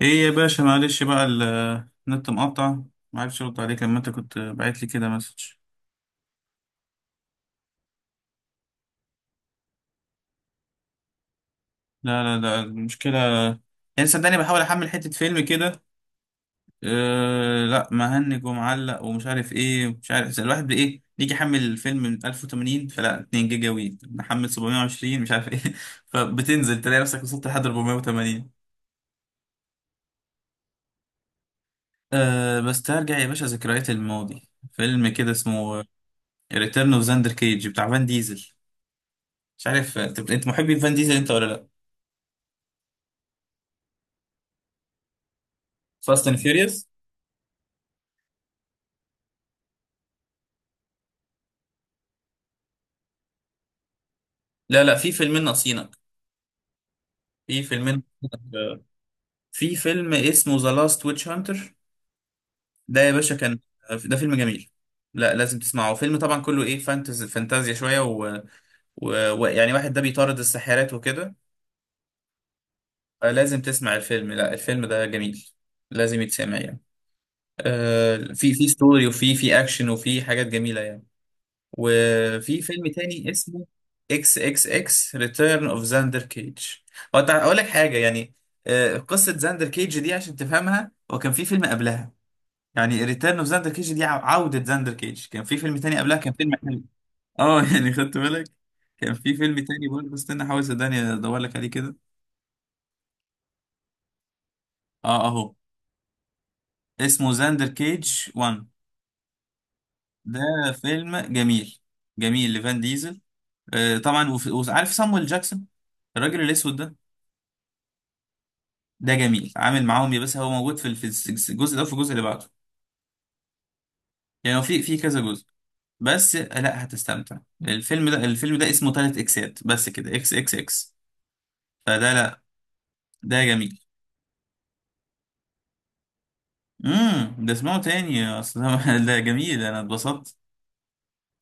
ايه يا باشا، معلش بقى. النت مقطع، ما عرفتش ارد عليك لما انت كنت باعت لي كده مسج. لا لا لا، المشكله يعني صدقني بحاول احمل حته فيلم كده. لا، مهنج ومعلق ومش عارف ايه، مش عارف. زي الواحد بايه يجي يحمل الفيلم من 1080، فلا 2 جيجا وي نحمل 720، مش عارف ايه فبتنزل تلاقي نفسك وصلت لحد 480. بس ترجع يا باشا ذكريات الماضي، فيلم كده اسمه ريتيرن اوف زاندر كيج بتاع فان ديزل. مش عارف انت محبي فان ديزل انت ولا لا. فاست اند فيوريوس. لا لا، في فيلمين ناقصينك، في فيلمين ناقصينك. في فيلم اسمه ذا لاست ويتش هانتر، ده يا باشا كان، ده فيلم جميل. لا، لازم تسمعه، فيلم طبعا كله ايه، فانتازيا شويه ويعني، و... ويعني واحد ده بيطارد الساحرات وكده. لازم تسمع الفيلم، لا الفيلم ده جميل، لازم يتسمع يعني. في في ستوري، وفي اكشن، وفي حاجات جميله يعني. وفي فيلم تاني اسمه اكس اكس اكس ريتيرن اوف زاندر كيج. اقول لك حاجه يعني، قصه زاندر كيج دي عشان تفهمها، هو كان في فيلم قبلها. يعني ريتيرن اوف زاندر كيج دي عوده زاندر كيج، كان في فيلم تاني قبلها، كان فيلم حلو. اه يعني خدت بالك؟ كان في فيلم تاني برضه، استنى احاول صدقني ادور لك عليه كده. اه، اهو، اسمه زاندر كيج 1، ده فيلم جميل، جميل لفان ديزل. طبعا، وعارف صامويل جاكسون الراجل الاسود ده، ده جميل عامل معاهم، يا بس هو موجود في الجزء ده وفي الجزء اللي بعده. يعني هو في كذا جزء. بس لا، هتستمتع، الفيلم ده اسمه تلات اكسات بس كده، اكس اكس اكس. فده لا، ده جميل. ده اسمعه تاني، اصل ده ده جميل، انا اتبسطت.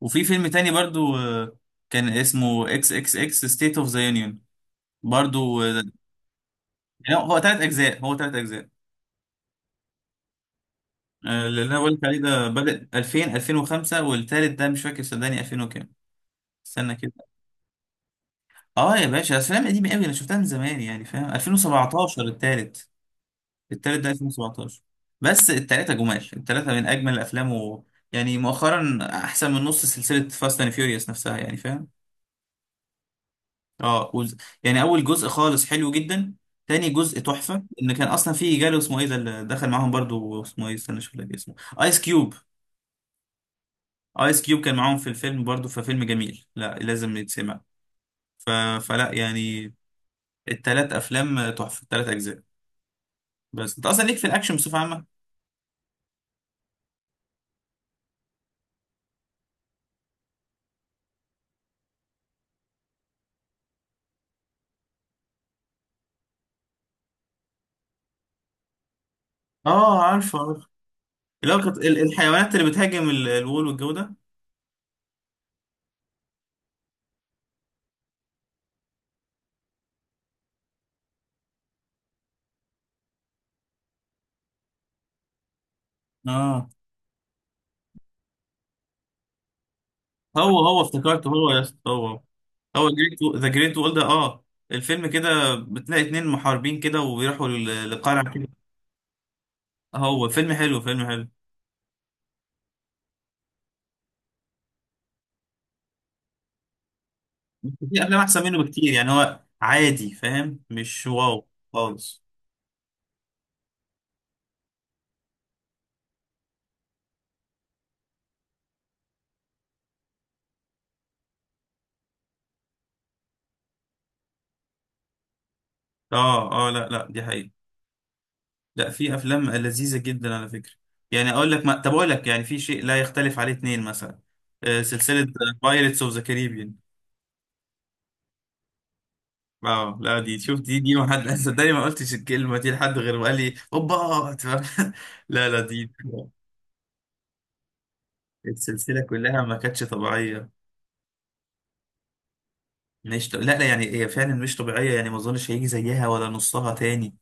وفي فيلم تاني برضو، كان اسمه اكس اكس اكس ستيت اوف ذا يونيون، برضو. يعني هو تلات اجزاء، هو تلات اجزاء. اللي انا قلت عليه ده بدأ 2000، 2005، والتالت ده مش فاكر صدقني، 2000 وكام. استنى كده. اه يا باشا، افلام قديمه قوي، انا شفتها من زمان يعني فاهم. 2017 التالت، التالت ده 2017. بس التلاته جمال، التلاته من اجمل الافلام. يعني مؤخرا احسن من نص سلسله فاست اند فيوريوس نفسها، يعني فاهم. اه وز... يعني اول جزء خالص حلو جدا، تاني جزء تحفه. ان كان اصلا فيه جاله اسمه ايه ده اللي دخل معاهم برضو، اسمه ايه، استنى اشوف لك اسمه. ايس كيوب. ايس كيوب كان معاهم في الفيلم برضو، ففيلم جميل، لا لازم يتسمع. ف... فلا يعني، التلات افلام تحفه، التلات اجزاء. بس انت اصلا ليك في الاكشن بصفه عامه. اه، عارفه عارفه. اللي هو الحيوانات اللي بتهاجم الوول والجو ده. اه، هو افتكرته، هو يا اسطى، هو، هو، ذا جريت وول ده، اه. الفيلم كده بتلاقي اتنين محاربين كده، ويروحوا لقلعة كده. هو فيلم حلو، فيلم حلو. في افلام احسن منه بكتير، يعني هو عادي فاهم، مش واو خالص. اه اه، لا لا، دي حقيقة. لا، في افلام لذيذه جدا على فكره. يعني اقول لك ما... طب اقول لك، يعني في شيء لا يختلف عليه اتنين، مثلا سلسله بايرتس اوف ذا كاريبيان. اه لا، دي، شوف، دي ما حد صدقني ما قلتش الكلمه دي لحد غير وقال لي اوبا. لا لا، دي السلسله كلها ما كانتش طبيعيه. مش ط... لا لا، يعني هي فعلا مش طبيعيه، يعني ما اظنش هيجي زيها ولا نصها تاني.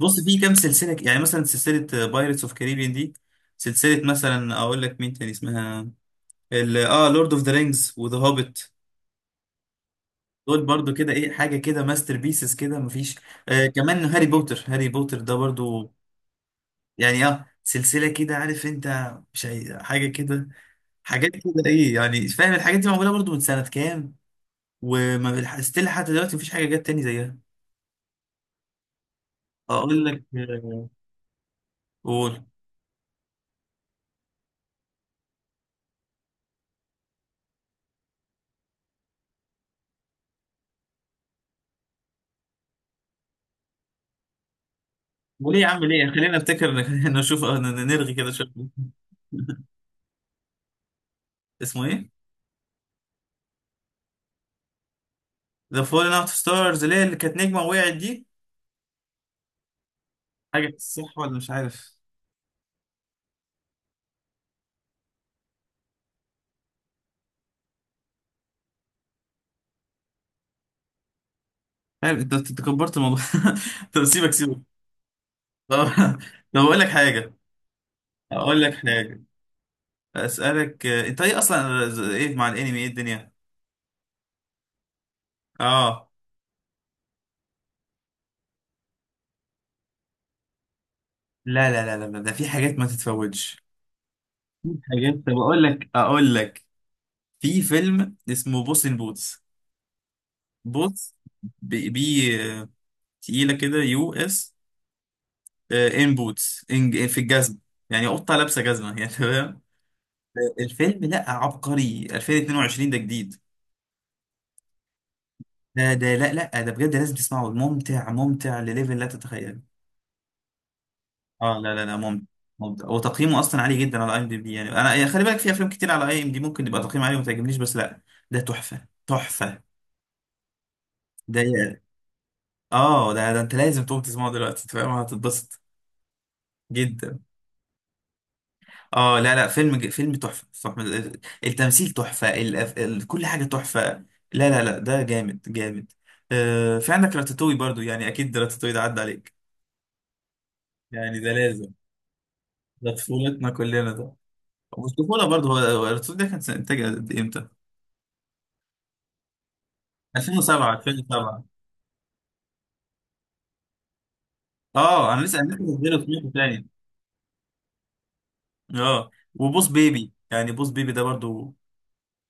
بص، في كام سلسله يعني مثلا سلسله بايرتس اوف كاريبيان دي. سلسله مثلا اقول لك مين تاني اسمها، لورد اوف ذا رينجز وذا هوبيت. دول برضو كده ايه، حاجه كده ماستر بيسز كده مفيش. كمان هاري بوتر، هاري بوتر ده برضو. يعني سلسله كده، عارف انت، مش حاجه كده، حاجات كده ايه يعني فاهم، الحاجات دي معموله برضو من سنه كام، وما ستيل حتى دلوقتي مفيش حاجه جت تاني زيها. اقول لك، قول. وليه يا عم، ليه، خلينا نفتكر خلينا نشوف، نرغي كده شويه. اسمه ايه؟ ذا فولن اوت ستارز، اللي هي اللي كانت نجمه وقعت دي، حاجه صح ولا مش عارف. عارف، انت كبرت الموضوع. طب سيبك سيبك. طب، طب اقول لك حاجه، اقول لك حاجه، اسالك، انت ايه اصلا، ايه مع الانمي، ايه الدنيا. اه لا لا لا لا، ده في حاجات ما تتفوتش، في حاجات، طب اقول لك، اقول لك في فيلم اسمه بوس ان بوتس، بوتس. بي, بي. آه، تقيله كده، US. ان بوتس، إن في الجزمه، يعني قطه لابسه جزمه يعني تمام. الفيلم لا عبقري، 2022 ده جديد. ده لا لا، ده بجد لازم تسمعه، ممتع ممتع لليفل، لا تتخيله. اه لا لا لا، ممتع، ممتع، وتقييمه اصلا عالي جدا على IMDb. يعني انا يعني خلي بالك، في افلام كتير على IMD ممكن يبقى تقييم عالي وما تعجبنيش، بس لا، ده تحفه، تحفه ده. اه، ده انت لازم تقوم تسمعه دلوقتي انت فاهم، هتتبسط جدا. اه لا لا، فيلم فيلم تحفه، تحفة. التمثيل تحفه، كل حاجه تحفه. لا لا لا، ده جامد جامد. في عندك راتاتوي برضو، يعني اكيد راتاتوي ده عدى عليك، يعني ده لازم، ده طفولتنا كلنا ده. مش طفوله برضه، هو الرسول ده كان سنة انتاج قد إيه؟ امتى؟ 2007، 2007. اه، انا لسه صغير سمعته تاني. اه وبوس بيبي، يعني بوس بيبي ده برضه،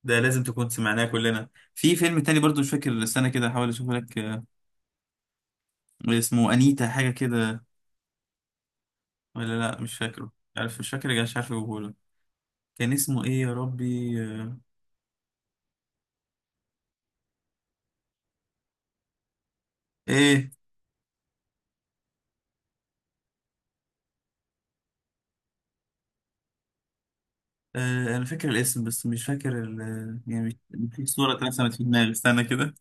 ده لازم تكون سمعناه كلنا. في فيلم تاني برضه مش فاكر السنه كده، هحاول اشوف لك، اسمه انيتا حاجه كده، ولا لا مش فاكره، عارف مش فاكر، مش عارف اجيبهولك. كان اسمه ايه يا ربي، ايه. انا فاكر الاسم بس مش فاكر يعني في صوره اترسمت في دماغي، استنى كده.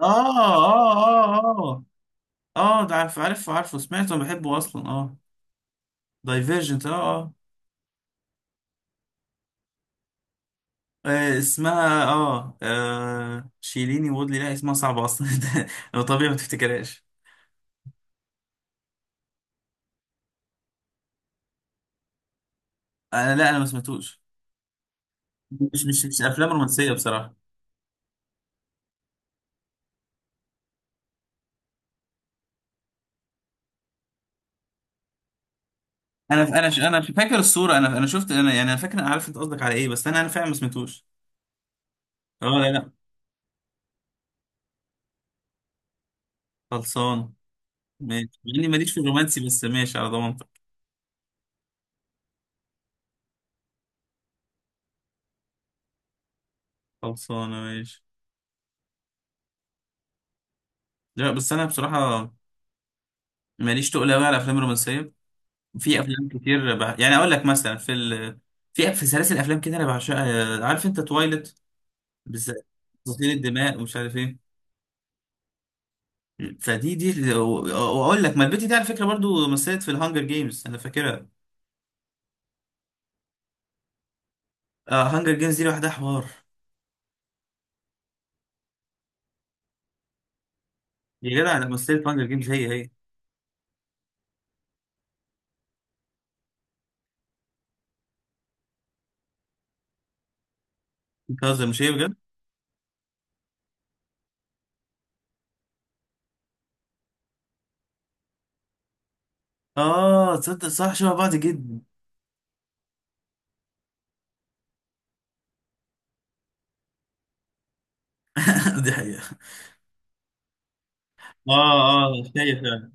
اه اه اه اه اه، ده عارف، عارفه سمعته، بحبه اصلا اه. دايفيرجنت، اه. اه. اسمها اه شيليني وودلي، لا اسمها صعبة اصلا ده لو طبيعي ما تفتكرهاش. انا، لا، انا ما سمعتوش. مش افلام رومانسية بصراحة. انا فاكر الصورة، انا شفت، انا يعني انا فاكر، انا عارف انت قصدك على ايه، بس انا فعلا ما سمعتوش. اه لا لا، خلصان، ماشي، مع اني ماليش في الرومانسي بس ماشي على ضمانتك. خلصانة ماشي. لا بس انا بصراحة ماليش تقل قوي على الافلام الرومانسية. في افلام كتير يعني اقول لك مثلا في في في سلاسل افلام كده انا بعشقها، عارف انت تويلت بالذات، غسيل الدماء ومش عارف ايه. فدي دي و- واقول لك، ما البت دي على فكره برضو مثلت في الهانجر جيمز، انا فاكرها. آه هانجر جيمز دي لوحدها حوار. يا جدع انا مثلت هانجر جيمز، هي هي. بتهزر، مش هي بجد؟ اه تصدق، صح، شبه بعض جدا. دي حقيقه. اه اه، هي فعلا.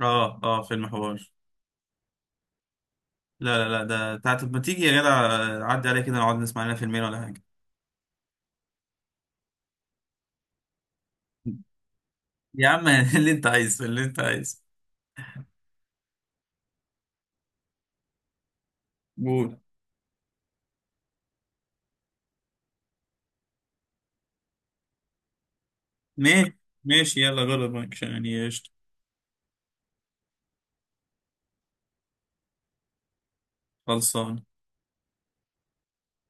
اه اه، فيلم حوار. لا لا لا، ده تعالى، طب ما تيجي يا جدع، عدي عليك كده نقعد نسمع لنا فيلمين ولا حاجه. يا عم اللي انت عايزه، اللي انت عايزه. قول. ماشي ماشي، يلا جرب معاك يعني، قشطة، خلصان.